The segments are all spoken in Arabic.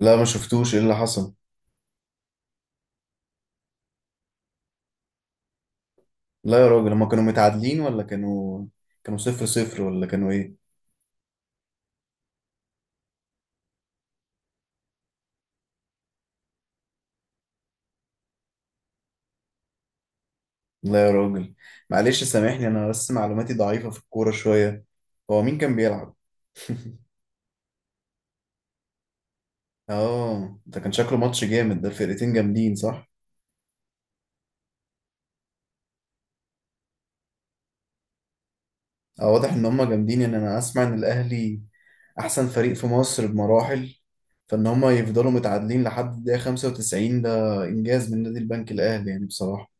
لا، ما شفتوش ايه اللي حصل. لا يا راجل، هما كانوا متعادلين ولا كانوا صفر صفر ولا كانوا ايه؟ لا يا راجل، معلش سامحني، انا بس معلوماتي ضعيفة في الكورة شوية. هو مين كان بيلعب؟ اه، ده كان شكله ماتش جامد، ده فرقتين جامدين صح؟ اه واضح ان هما جامدين، انا اسمع ان الاهلي احسن فريق في مصر بمراحل، فان هما يفضلوا متعادلين لحد الدقيقة 95، ده انجاز من نادي البنك الاهلي يعني بصراحة.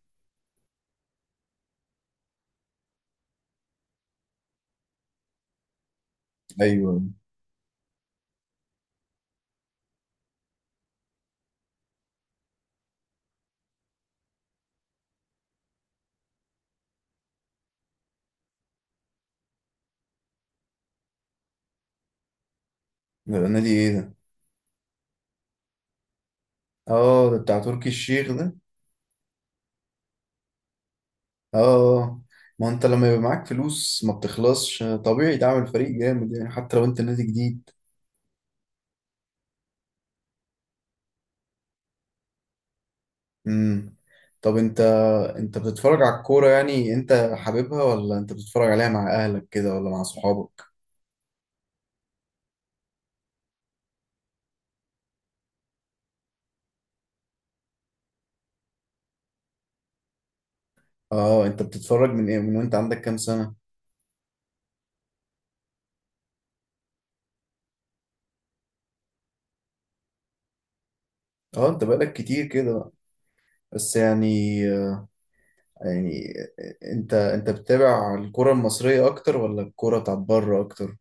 ايوه. ده النادي ايه ده؟ اه، ده بتاع تركي الشيخ ده. اه، ما انت لما يبقى معاك فلوس ما بتخلصش، طبيعي تعمل فريق جامد يعني، حتى لو انت نادي جديد. امم طب انت بتتفرج على الكورة؟ يعني انت حاببها، ولا انت بتتفرج عليها مع اهلك كده ولا مع صحابك؟ اه، انت بتتفرج من ايه، من وانت عندك كام سنة؟ اه انت بقالك كتير كده بقى. بس يعني، يعني انت بتتابع الكرة المصرية اكتر ولا الكرة بتاعت بره اكتر؟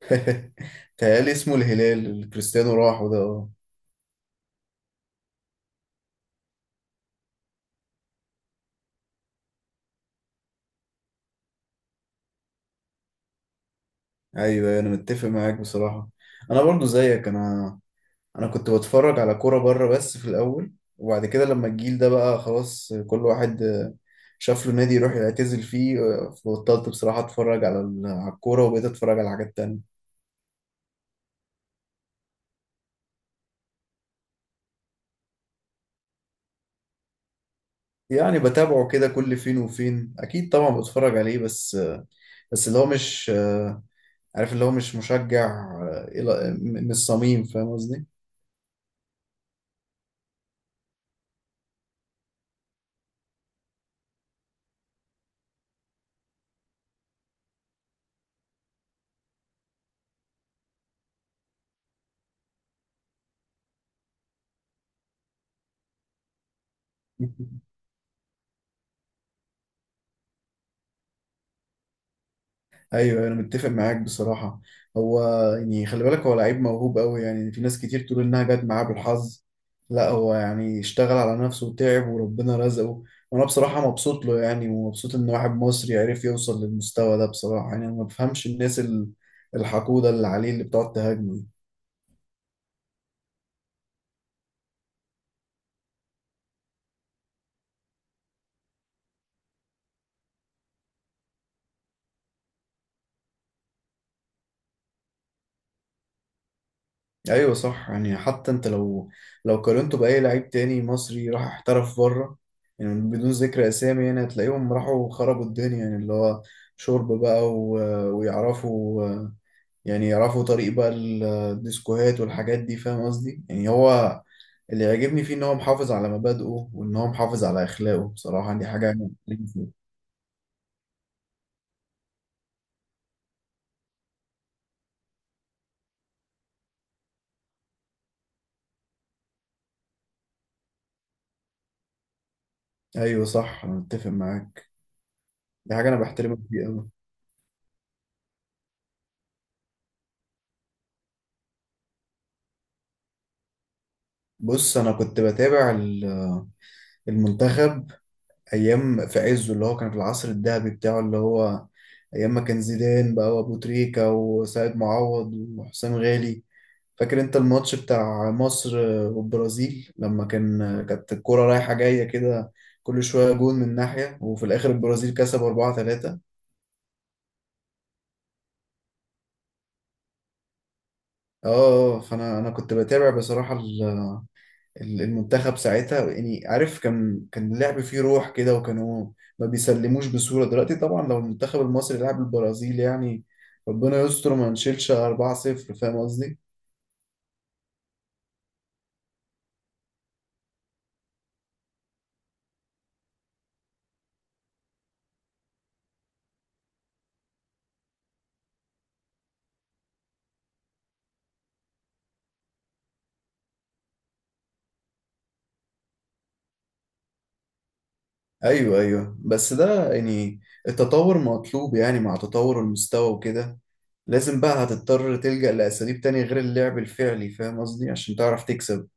تهيألي اسمه الهلال اللي كريستيانو راحه ده. ايوه، أيوة، انا متفق معاك بصراحه. انا برضو زيك، انا انا كنت بتفرج على كوره بره بس في الاول، وبعد كده لما الجيل ده بقى خلاص كل واحد شاف له نادي يروح يعتزل فيه، فبطلت بصراحه اتفرج على على الكوره، وبقيت اتفرج على حاجات تانية. يعني بتابعه كده كل فين وفين، اكيد طبعا بتفرج عليه، بس بس اللي هو مش عارف، اللي هو مش مشجع من الصميم، فاهم قصدي؟ ايوه، انا متفق معاك بصراحه. هو يعني، خلي بالك، هو لعيب موهوب قوي يعني، في ناس كتير تقول انها جت معاه بالحظ. لا، هو يعني اشتغل على نفسه وتعب وربنا رزقه، وانا بصراحه مبسوط له يعني، ومبسوط ان واحد مصري عرف يوصل للمستوى ده بصراحه. يعني انا ما بفهمش الناس الحقوده اللي عليه، اللي بتقعد تهاجمه. ايوه صح، يعني حتى انت لو قارنته باي لعيب تاني مصري راح احترف بره، يعني بدون ذكر اسامي، يعني هتلاقيهم راحوا خربوا الدنيا، يعني اللي هو شرب بقى و... ويعرفوا يعني يعرفوا طريق بقى الديسكوهات والحاجات دي، فاهم قصدي؟ يعني هو اللي يعجبني فيه ان هو محافظ على مبادئه، وان هو محافظ على اخلاقه بصراحة، دي حاجة أنا بحترمه فيه. ايوه صح، انا متفق معاك، دي حاجة انا بحترمك فيه قوي. بص، انا كنت بتابع المنتخب ايام في عزه، اللي هو كان في العصر الذهبي بتاعه، اللي هو ايام ما كان زيدان بقى، وابو تريكة، وسيد معوض، وحسام غالي. فاكر انت الماتش بتاع مصر والبرازيل، لما كان كانت الكرة رايحة جاية كده، كل شوية جون من ناحية، وفي الاخر البرازيل كسب 4-3. اه، فانا انا كنت بتابع بصراحة المنتخب ساعتها، يعني عارف كان كان اللعب فيه روح كده، وكانوا ما بيسلموش بسهولة. دلوقتي طبعا لو المنتخب المصري لعب البرازيل يعني، ربنا يستر ما نشيلش 4-0، فاهم قصدي؟ ايوه ايوه، بس ده يعني التطور مطلوب، يعني مع تطور المستوى وكده لازم بقى، هتضطر تلجأ لأساليب تانية غير اللعب الفعلي، فاهم قصدي؟ عشان تعرف تكسب.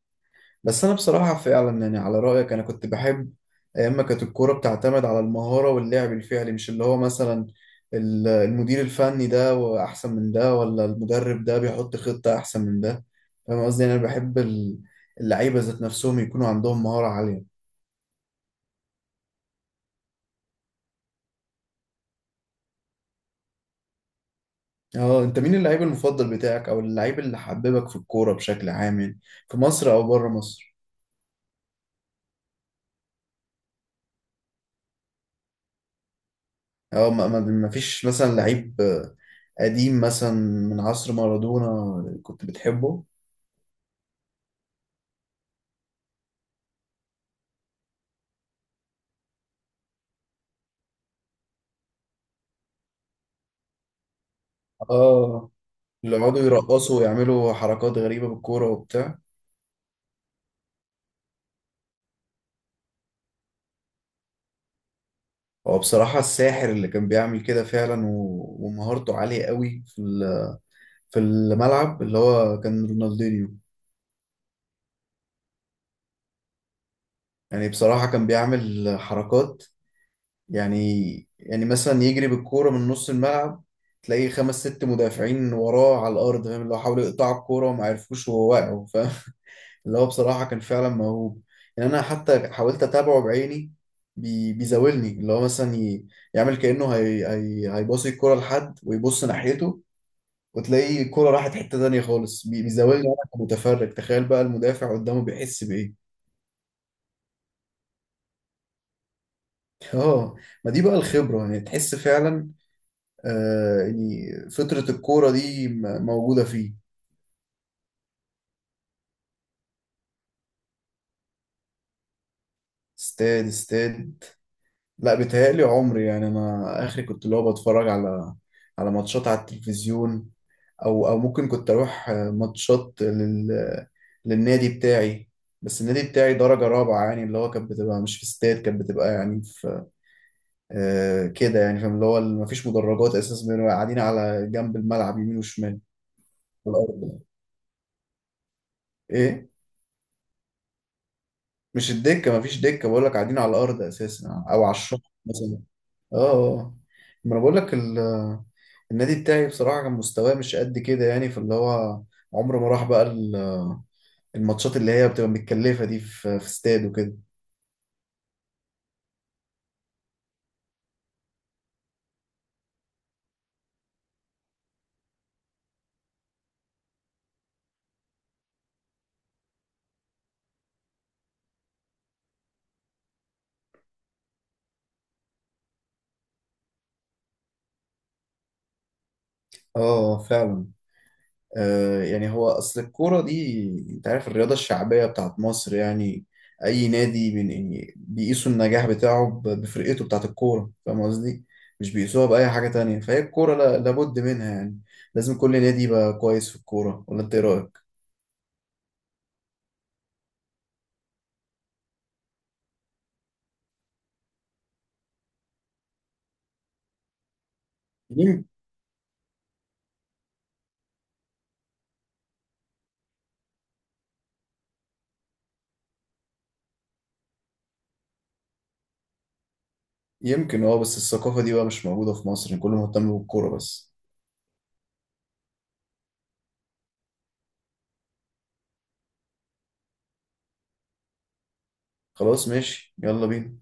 بس انا بصراحه فعلا يعني، على رايك انا كنت بحب اما كانت الكوره بتعتمد على المهاره واللعب الفعلي، مش اللي هو مثلا المدير الفني ده واحسن من ده، ولا المدرب ده بيحط خطه احسن من ده. فاهم قصدي؟ يعني انا بحب اللعيبه ذات نفسهم يكونوا عندهم مهاره عاليه. اه، انت مين اللعيب المفضل بتاعك، او اللعيب اللي حببك في الكوره بشكل عام يعني، في مصر او بره مصر؟ اه ما فيش مثلا لعيب، قديم مثلا، من عصر مارادونا كنت بتحبه؟ اه، اللي يقعدوا يرقصوا ويعملوا حركات غريبة بالكورة وبتاع. هو بصراحة الساحر اللي كان بيعمل كده فعلا، و... ومهارته عالية قوي في ال... في الملعب، اللي هو كان رونالدينيو. يعني بصراحة كان بيعمل حركات، يعني، يعني مثلا يجري بالكورة من نص الملعب، تلاقيه خمس ست مدافعين وراه على الأرض، فاهم؟ اللي هو حاولوا يقطعوا الكورة وما عرفوش وهو واقع. اللي هو بصراحة كان فعلا موهوب، يعني أنا حتى حاولت أتابعه بعيني. بيزاولني اللي هو مثلا يعمل كأنه هي هيباصي الكرة لحد ويبص ناحيته، وتلاقي الكرة راحت حتة تانية خالص. بيزاولني أنا كمتفرج، تخيل بقى المدافع قدامه بيحس بإيه. اه، ما دي بقى الخبرة، يعني تحس فعلا آه، يعني فطرة الكورة دي موجودة فيه. استاد استاد؟ لا، بيتهيألي عمري. يعني أنا آخري كنت اللي هو بتفرج على على ماتشات على التلفزيون، او او ممكن كنت اروح ماتشات لل للنادي بتاعي. بس النادي بتاعي درجة رابعة يعني، اللي هو كانت بتبقى مش في استاد، كانت بتبقى يعني في آه كده يعني. فاهم اللي هو ما فيش مدرجات اساسا، بنبقى قاعدين على جنب الملعب يمين وشمال، على الارض يعني. ايه؟ مش الدكة، ما فيش دكة، بقول لك قاعدين على الارض اساسا، او على الشط مثلا. اه آه. آه. ما انا بقول لك النادي بتاعي بصراحة كان مستواه مش قد كده، يعني فاللي هو عمره ما راح بقى الماتشات اللي هي بتبقى متكلفة دي، في في استاد وكده. اه فعلا، آه يعني هو اصل الكورة دي، انت عارف الرياضة الشعبية بتاعت مصر يعني، اي نادي من يعني بيقيسوا النجاح بتاعه بفرقته بتاعت الكورة، فاهم قصدي؟ مش بيقيسوها بأي حاجة تانية، فهي الكورة لابد منها يعني، لازم كل نادي يبقى كويس في الكورة، ولا انت ايه رأيك؟ يم- يمكن، اه، بس الثقافة دي بقى مش موجودة في مصر يعني، كله مهتم بالكورة بس. خلاص ماشي، يلا بينا.